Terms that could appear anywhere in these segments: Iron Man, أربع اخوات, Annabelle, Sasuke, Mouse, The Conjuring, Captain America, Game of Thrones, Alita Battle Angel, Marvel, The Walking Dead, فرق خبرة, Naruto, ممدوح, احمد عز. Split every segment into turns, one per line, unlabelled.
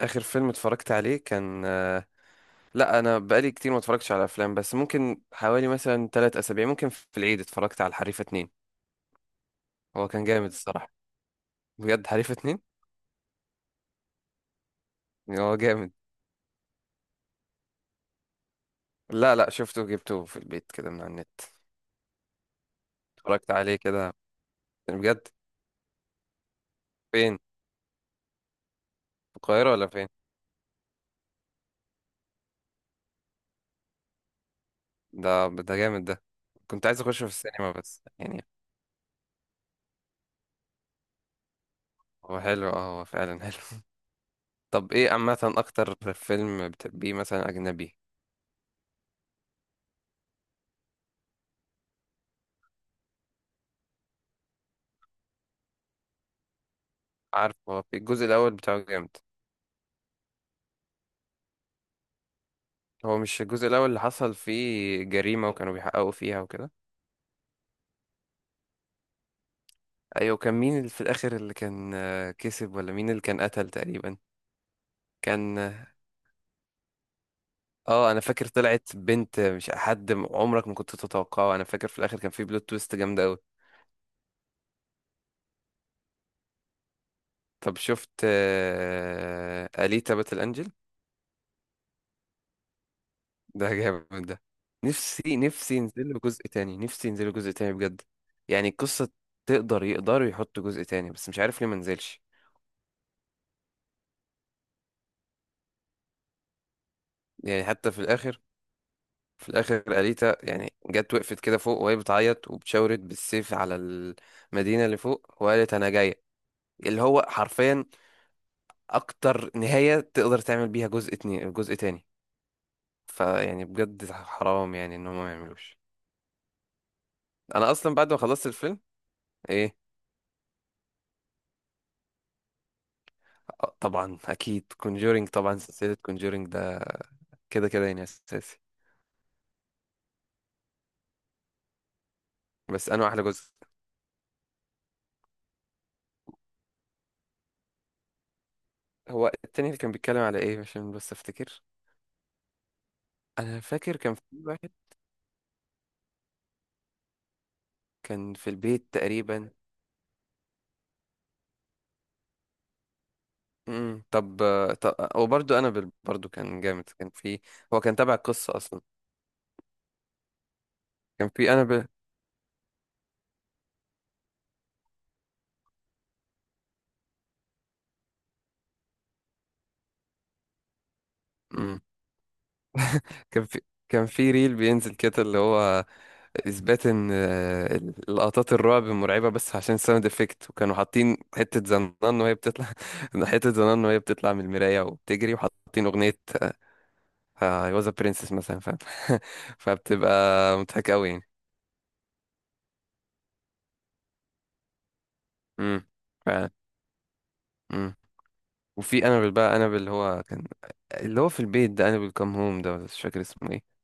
اخر فيلم اتفرجت عليه كان لا انا بقالي كتير ما اتفرجتش على افلام، بس ممكن حوالي مثلا ثلاث اسابيع. ممكن في العيد اتفرجت على الحريفه اتنين. هو كان جامد الصراحه، بجد حريفه اتنين. هو جامد. لا شفته، جبته في البيت كده من على النت. اتفرجت عليه كده بجد. فين؟ في القاهره ولا فين؟ ده جامد ده. كنت عايز اخشه في السينما بس يعني. هو حلو، اه هو فعلا حلو. طب ايه عامه اكتر فيلم بتحبيه مثلا اجنبي؟ عارف هو في الجزء الاول بتاعه جامد. هو مش الجزء الأول اللي حصل فيه جريمة وكانوا بيحققوا فيها وكده؟ أيوة، كان مين اللي في الآخر اللي كان كسب، ولا مين اللي كان قتل تقريبا؟ كان، اه انا فاكر طلعت بنت مش حد عمرك ما كنت تتوقعه. انا فاكر في الاخر كان في بلوت تويست جامده قوي. طب شفت اليتا باتل انجل؟ ده جامد ده. نفسي ينزلوا جزء تاني، نفسي ينزلوا جزء تاني بجد. يعني القصه، يقدروا يحطوا جزء تاني، بس مش عارف ليه ما نزلش. يعني حتى في الاخر، في الاخر اليتا يعني جت وقفت كده فوق وهي بتعيط وبتشاورت بالسيف على المدينه اللي فوق وقالت انا جايه. اللي هو حرفيا اكتر نهايه تقدر تعمل بيها جزء اتنين، جزء تاني. فيعني بجد حرام يعني ان هم ما يعملوش. انا اصلا بعد ما خلصت الفيلم. ايه؟ طبعا اكيد كونجورينج، طبعا سلسله كونجورينج ده كده كده يعني اساسي. بس انا احلى جزء هو التاني، اللي كان بيتكلم على ايه؟ عشان بس افتكر، انا فاكر كان في واحد كان في البيت تقريبا. طب، طب وبرده انابل برضو كان جامد. كان في، هو كان تابع القصه اصلا. كان في انابل. امم كان في كان في ريل بينزل كده، اللي هو اثبات ان لقطات الرعب مرعبه بس عشان ساوند افكت، وكانوا حاطين حته زنان وهي بتطلع حته زنان وهي بتطلع من المرايه وبتجري، وحاطين اغنيه "اي واز ا برنسس" مثلا، فاهم؟ فبتبقى مضحكه قوي يعني. امم فعلا. وفي انابل بقى، انابل اللي هو كان، اللي هو في البيت، ده انابل كام هوم ده ولا مش فاكر اسمه ايه.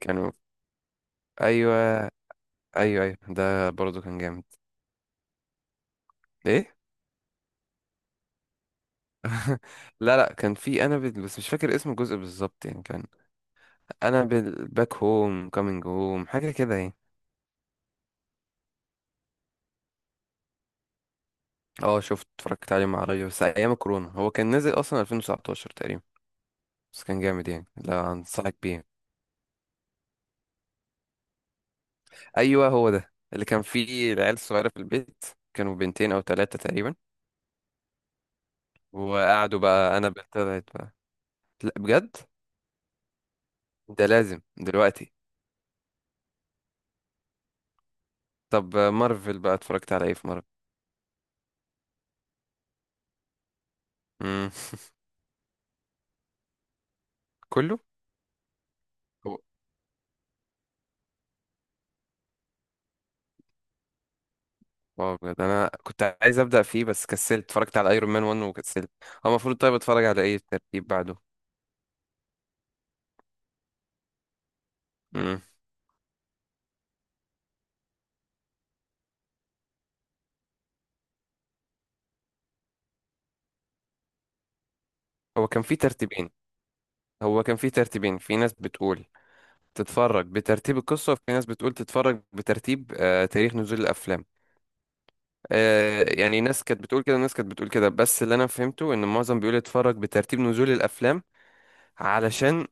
كانوا. ايوه. ايوه ايوه ده برضه كان جامد. ايه؟ لا كان في انابل بس مش فاكر اسم الجزء بالظبط يعني. كان انابل باك هوم، كامينج هوم، حاجه كده يعني. اه شفت، اتفرجت عليه مع ريا بس ايام كورونا، هو كان نازل اصلا 2019 تقريبا. بس كان جامد يعني، لا انصحك بيه. ايوه هو ده اللي كان فيه العيال الصغيره في البيت. كانوا بنتين او ثلاثه تقريبا، وقعدوا بقى انا طلعت. لا بجد، ده لازم دلوقتي. طب مارفل بقى اتفرجت على ايه في مارفل؟ امم كله. هو- واو بجد انا كنت عايز ابدا فيه بس كسلت. اتفرجت على ايرون مان 1 وكسلت. هو المفروض طيب اتفرج على ايه الترتيب بعده؟ امم هو كان في ترتيبين هو كان في ترتيبين. في ناس بتقول تتفرج بترتيب القصة، وفي ناس بتقول تتفرج بترتيب آه تاريخ نزول الأفلام. آه يعني ناس كانت بتقول كده وناس كانت بتقول كده، بس اللي أنا فهمته إن معظم بيقول اتفرج بترتيب نزول الأفلام. علشان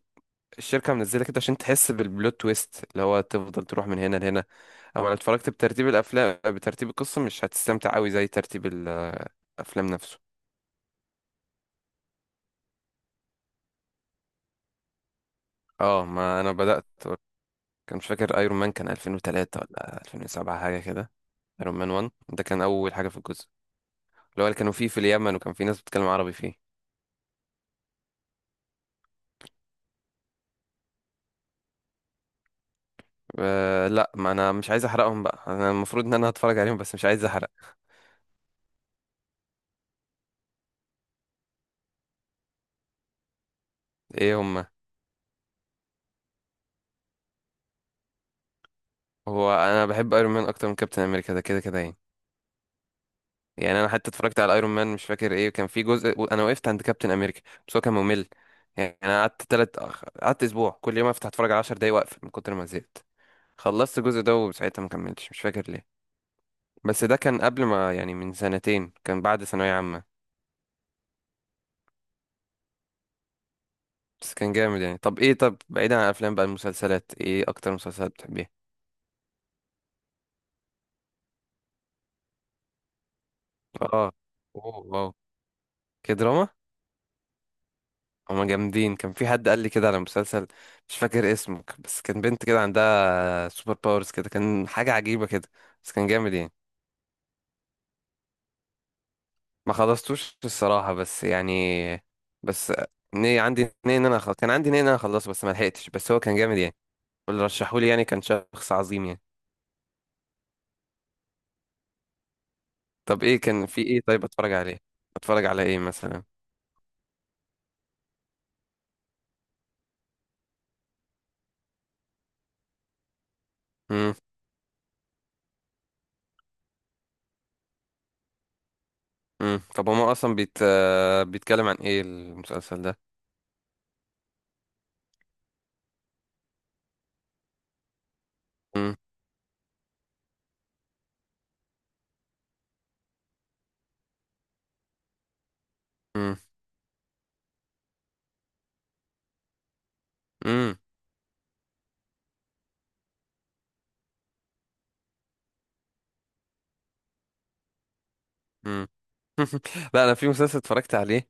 الشركة منزلة كده عشان تحس بالبلوت تويست، اللي هو تفضل تروح من هنا لهنا. اما لو اتفرجت بترتيب الافلام، بترتيب القصة، مش هتستمتع قوي زي ترتيب الافلام نفسه. اه ما انا بدأت. كان مش فاكر ايرون مان كان 2003 ولا 2007 حاجة كده. ايرون مان 1 ده كان اول حاجة في الجزء، اللي هو اللي كانوا فيه في اليمن وكان في ناس بتتكلم عربي فيه. أه لا ما انا مش عايز احرقهم بقى، انا المفروض ان انا هتفرج عليهم بس مش عايز احرق. ايه هما؟ هو انا بحب ايرون مان اكتر من كابتن امريكا ده كده كده يعني. يعني انا حتى اتفرجت على ايرون مان مش فاكر ايه، كان في جزء انا وقفت عند كابتن امريكا. بس هو كان ممل يعني. انا قعدت قعدت اسبوع كل يوم افتح اتفرج على 10 دقايق واقفل من كتر ما زهقت. خلصت الجزء ده وساعتها ما كملتش، مش فاكر ليه. بس ده كان قبل ما يعني، من سنتين، كان بعد ثانوية عامة. بس كان جامد يعني. طب ايه، طب بعيدا عن الافلام بقى، المسلسلات، ايه اكتر مسلسلات بتحبيها؟ اه، اوه واو، كدراما. هما جامدين. كان في حد قال لي كده على مسلسل مش فاكر اسمه، بس كان بنت كده عندها سوبر باورز كده، كان حاجة عجيبة كده. بس كان جامد يعني. ما خلصتوش الصراحة بس يعني، بس عندي نية ان انا خلص. كان عندي نية ان انا اخلصه بس ما لحقتش، بس هو كان جامد يعني. واللي رشحولي يعني كان شخص عظيم يعني. طب ايه كان في ايه طيب اتفرج عليه؟ اتفرج على ايه مثلا؟ امم امم طب هما اصلا بيتكلم عن ايه المسلسل ده؟ امم امم امم إمم. لا انا في مسلسل اتفرجت عليه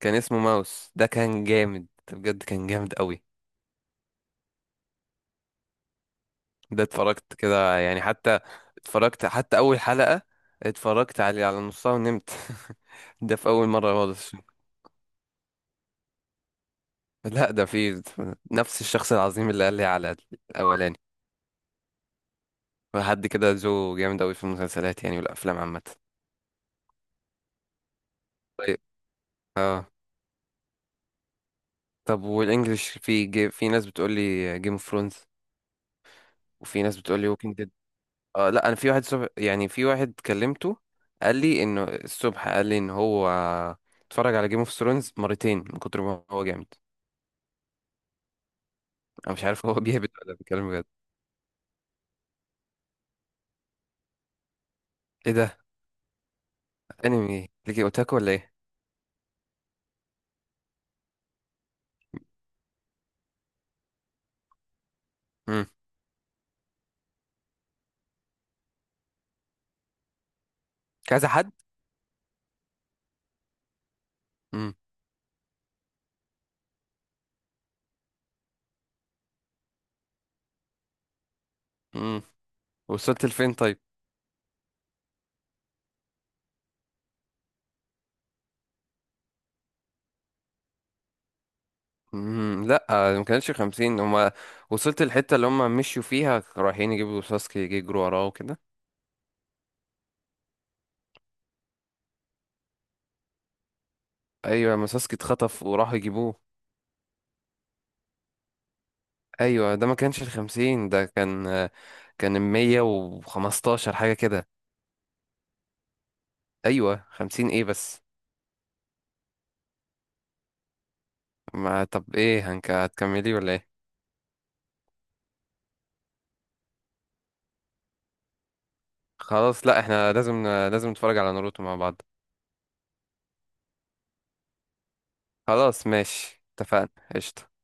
كان اسمه ماوس، ده كان جامد بجد، كان جامد قوي. ده اتفرجت كده يعني حتى، اتفرجت حتى اول حلقة اتفرجت عليه على نصها ونمت. ده في اول مرة خالص. لا ده في نفس الشخص العظيم اللي قال لي على الاولاني. حد كده جو جامد قوي في المسلسلات يعني والافلام عامة. طيب. اه. طب والانجليش؟ في ناس بتقول لي جيم اوف ثرونز، وفي ناس بتقول لي ووكينج. اه لا انا في واحد صبح يعني، في واحد كلمته قال لي انه الصبح، قال لي ان هو اتفرج على جيم اوف ثرونز مرتين من كتر ما هو جامد. انا مش عارف هو بيهبط ولا بيتكلم بجد. ايه ده، انمي ليكي اوتاكو ولا ايه؟ امم كذا حد. امم امم وصلت لفين طيب؟ لا ما كانش 50 هما. وصلت الحته اللي هما مشوا فيها رايحين يجيبوا ساسكي، يجي يجروا وراه وكده. ايوه، ما ساسكي اتخطف وراحوا يجيبوه. ايوه ده ما كانش الخمسين، ده كان، كان المية وخمستاشر حاجة كده. ايوه خمسين ايه بس. ما طب ايه، هنك هتكملي ولا ايه؟ خلاص، لا احنا لازم نتفرج على ناروتو مع بعض. خلاص ماشي اتفقنا. قشطة.